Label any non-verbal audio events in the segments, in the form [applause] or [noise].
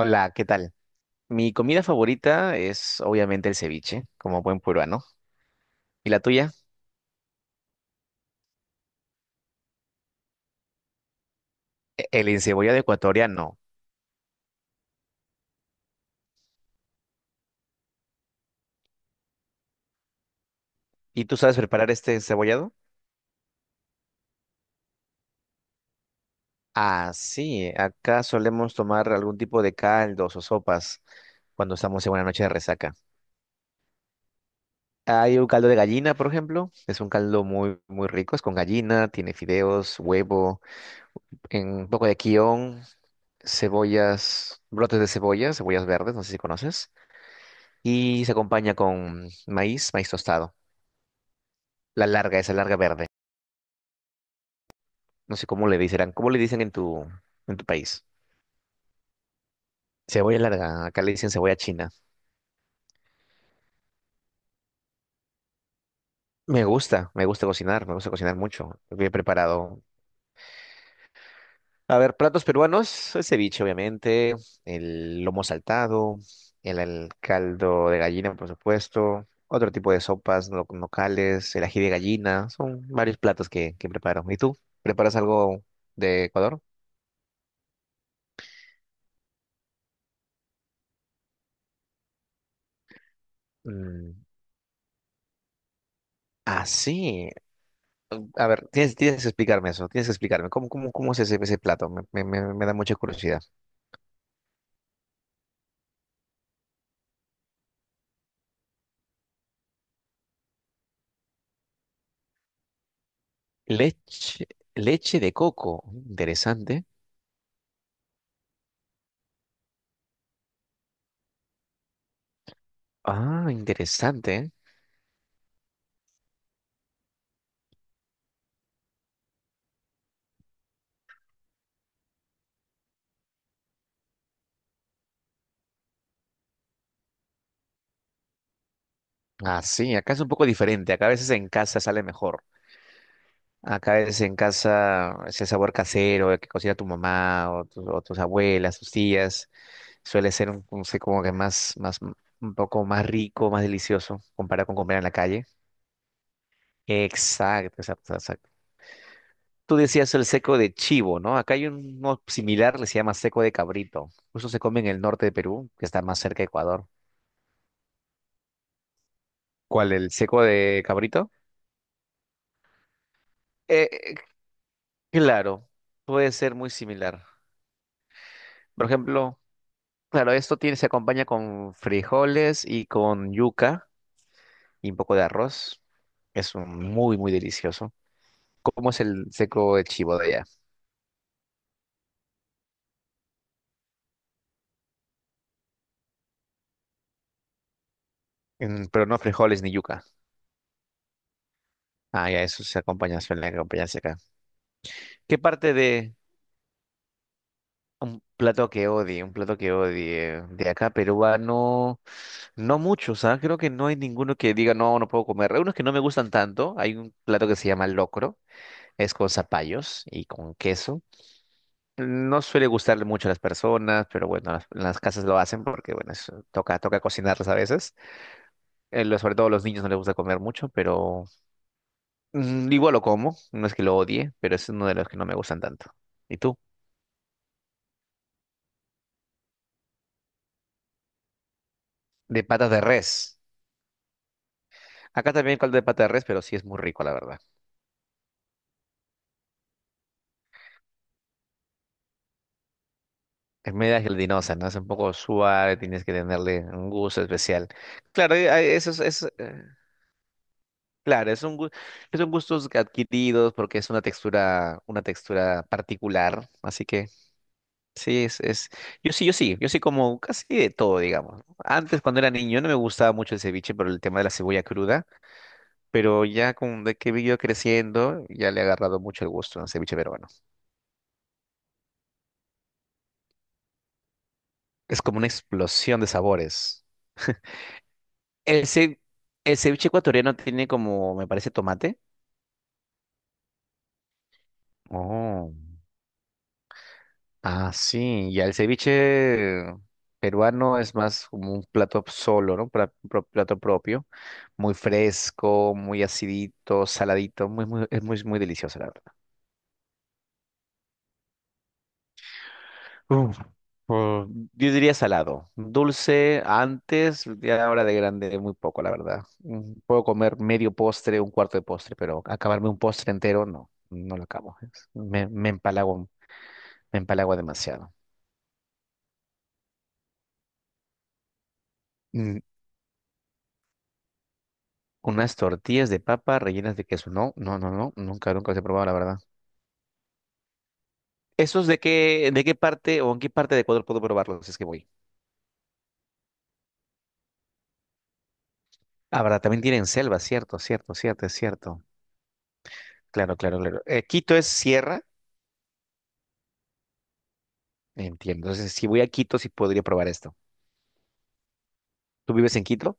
Hola, ¿qué tal? Mi comida favorita es obviamente el ceviche, como buen peruano. ¿Y la tuya? El encebollado ecuatoriano. ¿Y tú sabes preparar este encebollado? Ah, sí, acá solemos tomar algún tipo de caldos o sopas cuando estamos en una noche de resaca. Hay un caldo de gallina, por ejemplo. Es un caldo muy rico. Es con gallina, tiene fideos, huevo, un poco de quión, cebollas, brotes de cebolla, cebollas verdes, no sé si conoces. Y se acompaña con maíz, maíz tostado. La larga, esa larga verde. No sé ¿cómo le dicen en tu país? Cebolla larga, acá le dicen cebolla china. Me gusta cocinar mucho. Bien preparado. A ver, platos peruanos, el ceviche, obviamente, el lomo saltado, el caldo de gallina, por supuesto, otro tipo de sopas locales, el ají de gallina, son varios platos que preparo. ¿Y tú? ¿Preparas algo de Ecuador? Mm, ah, sí. A ver, tienes, tienes que explicarme eso, tienes que explicarme. ¿Cómo, cómo, cómo es ese, ese plato? Me da mucha curiosidad. Leche, leche de coco, interesante. Ah, interesante. Ah, sí, acá es un poco diferente. Acá a veces en casa sale mejor. Acá a veces en casa ese sabor casero que cocina tu mamá o tus abuelas, tus tías, suele ser un, no sé, como que más, más, un poco más rico, más delicioso comparado con comer en la calle. Exacto, exacto. Tú decías el seco de chivo, ¿no? Acá hay uno similar, le se llama seco de cabrito. Eso se come en el norte de Perú, que está más cerca de Ecuador. ¿Cuál, el seco de cabrito? Eh, eh, claro, puede ser muy similar. Por ejemplo, claro, esto tiene, se acompaña con frijoles y con yuca y un poco de arroz. Es un muy, muy delicioso. ¿Cómo es el seco de chivo de allá? Pero no frijoles ni yuca. Ah, ya, eso se acompaña, suele acompañarse acá. ¿Qué parte de... Un plato que odie, un plato que odie. De acá peruano, no mucho, ¿sabes? Creo que no hay ninguno que diga, no, no puedo comer. Hay unos que no me gustan tanto. Hay un plato que se llama locro, es con zapallos y con queso. No suele gustarle mucho a las personas, pero bueno, las casas lo hacen porque, bueno, toca, toca cocinarlas a veces. Sobre todo a los niños no les gusta comer mucho, pero igual lo como. No es que lo odie, pero es uno de los que no me gustan tanto. ¿Y tú? De patas de res. Acá también caldo de pata de res, pero sí es muy rico, la verdad. Es media gelatinosa, ¿no? Es un poco suave, tienes que tenerle un gusto especial. Claro, eso claro, son gustos que adquiridos porque es una textura particular. Así que sí, yo sí como casi de todo, digamos. ¿No? Antes, cuando era niño, no me gustaba mucho el ceviche por el tema de la cebolla cruda, pero ya con de que he ido creciendo, ya le he agarrado mucho el gusto al ceviche peruano. Es como una explosión de sabores. El, ce- el ceviche ecuatoriano tiene como, me parece, tomate. Oh. Ah, sí. Ya el ceviche peruano es más como un plato solo, ¿no? Plato propio. Muy fresco, muy acidito, saladito. Muy, muy, es muy, muy delicioso, la verdad. Uf, uh, yo diría salado. Dulce antes, ya ahora de grande, muy poco, la verdad. Mm, puedo comer medio postre, un cuarto de postre, pero acabarme un postre entero, no. No lo acabo. Me empalago demasiado. Mm, unas tortillas de papa rellenas de queso. No, no, no, no. Nunca, nunca los he probado, la verdad. ¿Esos de qué parte o en qué parte de Ecuador puedo probarlos? Si es que voy. Ah, verdad, también tienen selva, cierto, cierto, cierto, es cierto. Claro, claro, claro. Quito es sierra. Entiendo. Entonces, si voy a Quito, sí podría probar esto. ¿Tú vives en Quito?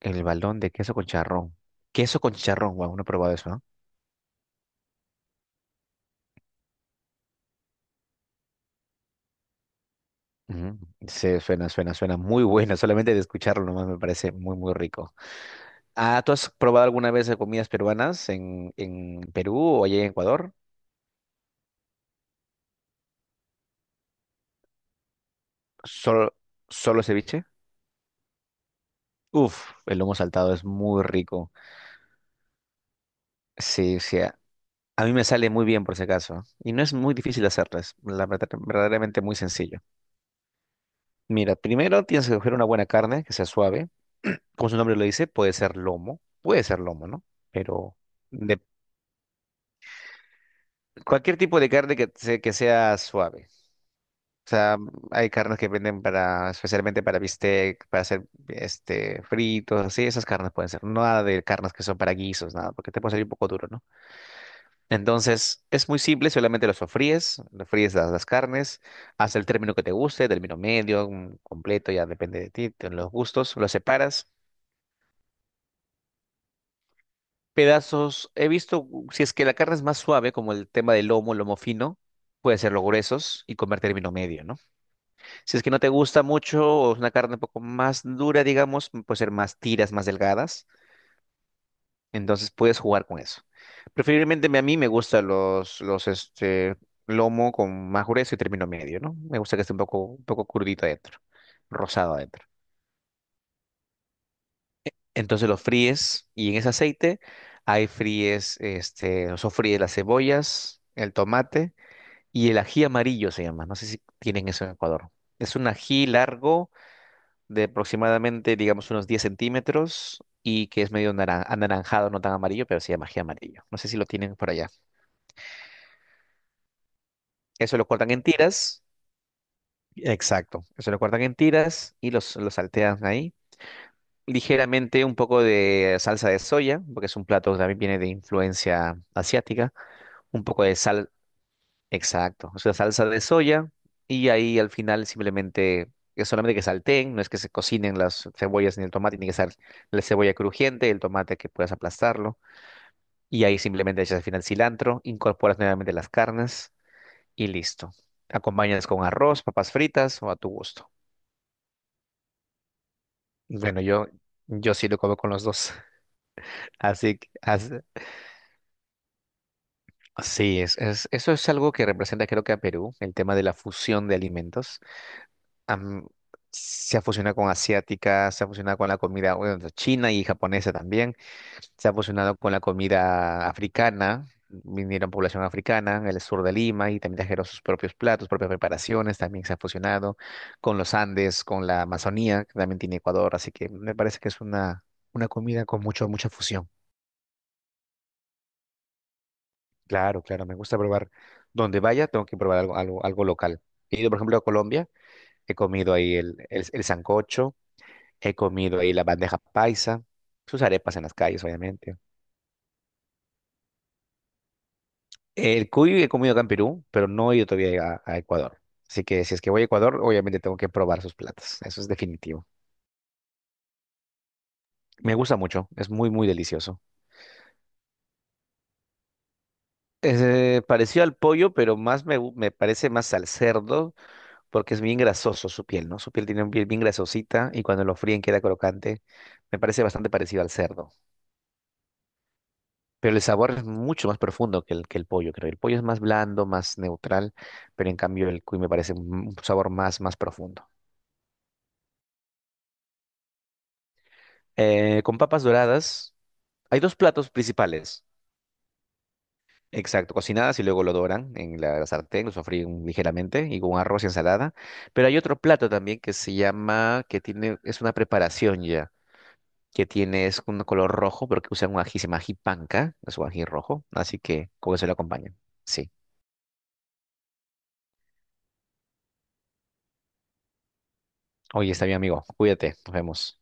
El balón de queso con charrón. Queso con charrón, wow, no he probado eso, ¿no? Ujú. Sí, suena, suena, suena muy bueno. [laughs] Solamente de escucharlo nomás me parece muy, muy rico. Ah, ¿tú has probado alguna vez de comidas peruanas en Perú o allá en Ecuador? ¿Solo, solo ceviche? Uf, el lomo saltado es muy rico. Sí, sí. A mí me sale muy bien por si acaso. Y no es muy difícil hacerlo, es la verdaderamente muy sencillo. Mira, primero tienes que coger una buena carne que sea suave. Como su nombre lo dice, puede ser lomo. Puede ser lomo, ¿no? Pero de cualquier tipo de carne que sea suave. O sea, hay carnes que venden para, especialmente para bistec, para hacer este fritos, así, esas carnes pueden ser. No. Nada de carnes que son para guisos, nada, porque te puede salir un poco duro, ¿no? Entonces, es muy simple, solamente lo sofríes, lo fríes las carnes, hasta el término que te guste, término medio, completo, ya depende de ti, de los gustos, lo separas. Pedazos, he visto, si es que la carne es más suave, como el tema del lomo, lomo fino, puede ser los gruesos y comer término medio, ¿no? Si es que no te gusta mucho o es una carne un poco más dura, digamos, puede ser más tiras, más delgadas. Entonces puedes jugar con eso. A mí me gustan lomo con más grueso y término medio, ¿no? Me gusta que esté un poco crudito adentro, rosado adentro. Entonces lo fríes y en ese aceite ahí fríes, este, o sofríes las cebollas, el tomate y el ají amarillo se llama. No sé si tienen eso en Ecuador. Es un ají largo de aproximadamente, digamos, unos 10 centímetros y que es medio anaranjado, no tan amarillo, pero sí de magia amarillo. No sé si lo tienen por allá. Eso lo cortan en tiras. Exacto. Eso lo cortan en tiras y los saltean ahí. Ligeramente un poco de salsa de soya, porque es un plato que también viene de influencia asiática. Un poco de sal, exacto. O sea, salsa de soya y ahí al final simplemente... Es solamente que salteen, no es que se cocinen las cebollas ni el tomate, tiene que ser la cebolla crujiente, el tomate que puedas aplastarlo. Y ahí simplemente echas al final cilantro, incorporas nuevamente las carnes y listo. Acompañas con arroz, papas fritas o a tu gusto. Bueno, yo sí lo como con los dos. [laughs] Así que as- sí, eso es algo que representa creo que a Perú, el tema de la fusión de alimentos. Am, se ha fusionado con asiática, se ha fusionado con la comida bueno, china y japonesa también. Se ha fusionado con la comida africana, vinieron población africana en el sur de Lima y también trajeron sus propios platos, propias preparaciones, también se ha fusionado con los Andes, con la Amazonía, que también tiene Ecuador, así que me parece que es una comida con mucho, mucha fusión. Claro, claro, me gusta probar. Donde vaya, tengo que probar algo, algo, algo local. He ido, por ejemplo, a Colombia, he comido ahí el sancocho, he comido ahí la bandeja paisa, sus arepas en las calles, obviamente. El cuy he comido acá en Perú, pero no he ido todavía a Ecuador. Así que si es que voy a Ecuador, obviamente tengo que probar sus platos. Eso es definitivo. Me gusta mucho, es muy, muy delicioso. Es parecido al pollo, pero más me parece más al cerdo porque es bien grasoso su piel, ¿no? Su piel tiene un piel bien grasosita y cuando lo fríen queda crocante. Me parece bastante parecido al cerdo. Pero el sabor es mucho más profundo que que el pollo, creo. El pollo es más blando, más neutral, pero en cambio el cuy me parece un sabor más, más profundo. Con papas doradas. Hay dos platos principales. Exacto, cocinadas y luego lo doran en la sartén, lo sofríen ligeramente y con arroz y ensalada. Pero hay otro plato también que se llama, que tiene, es una preparación ya, que tiene, es un color rojo, pero que usan un ají, se llama ají panca, es un ají rojo, así que con eso lo acompañan. Sí. Oye, está bien, amigo, cuídate, nos vemos.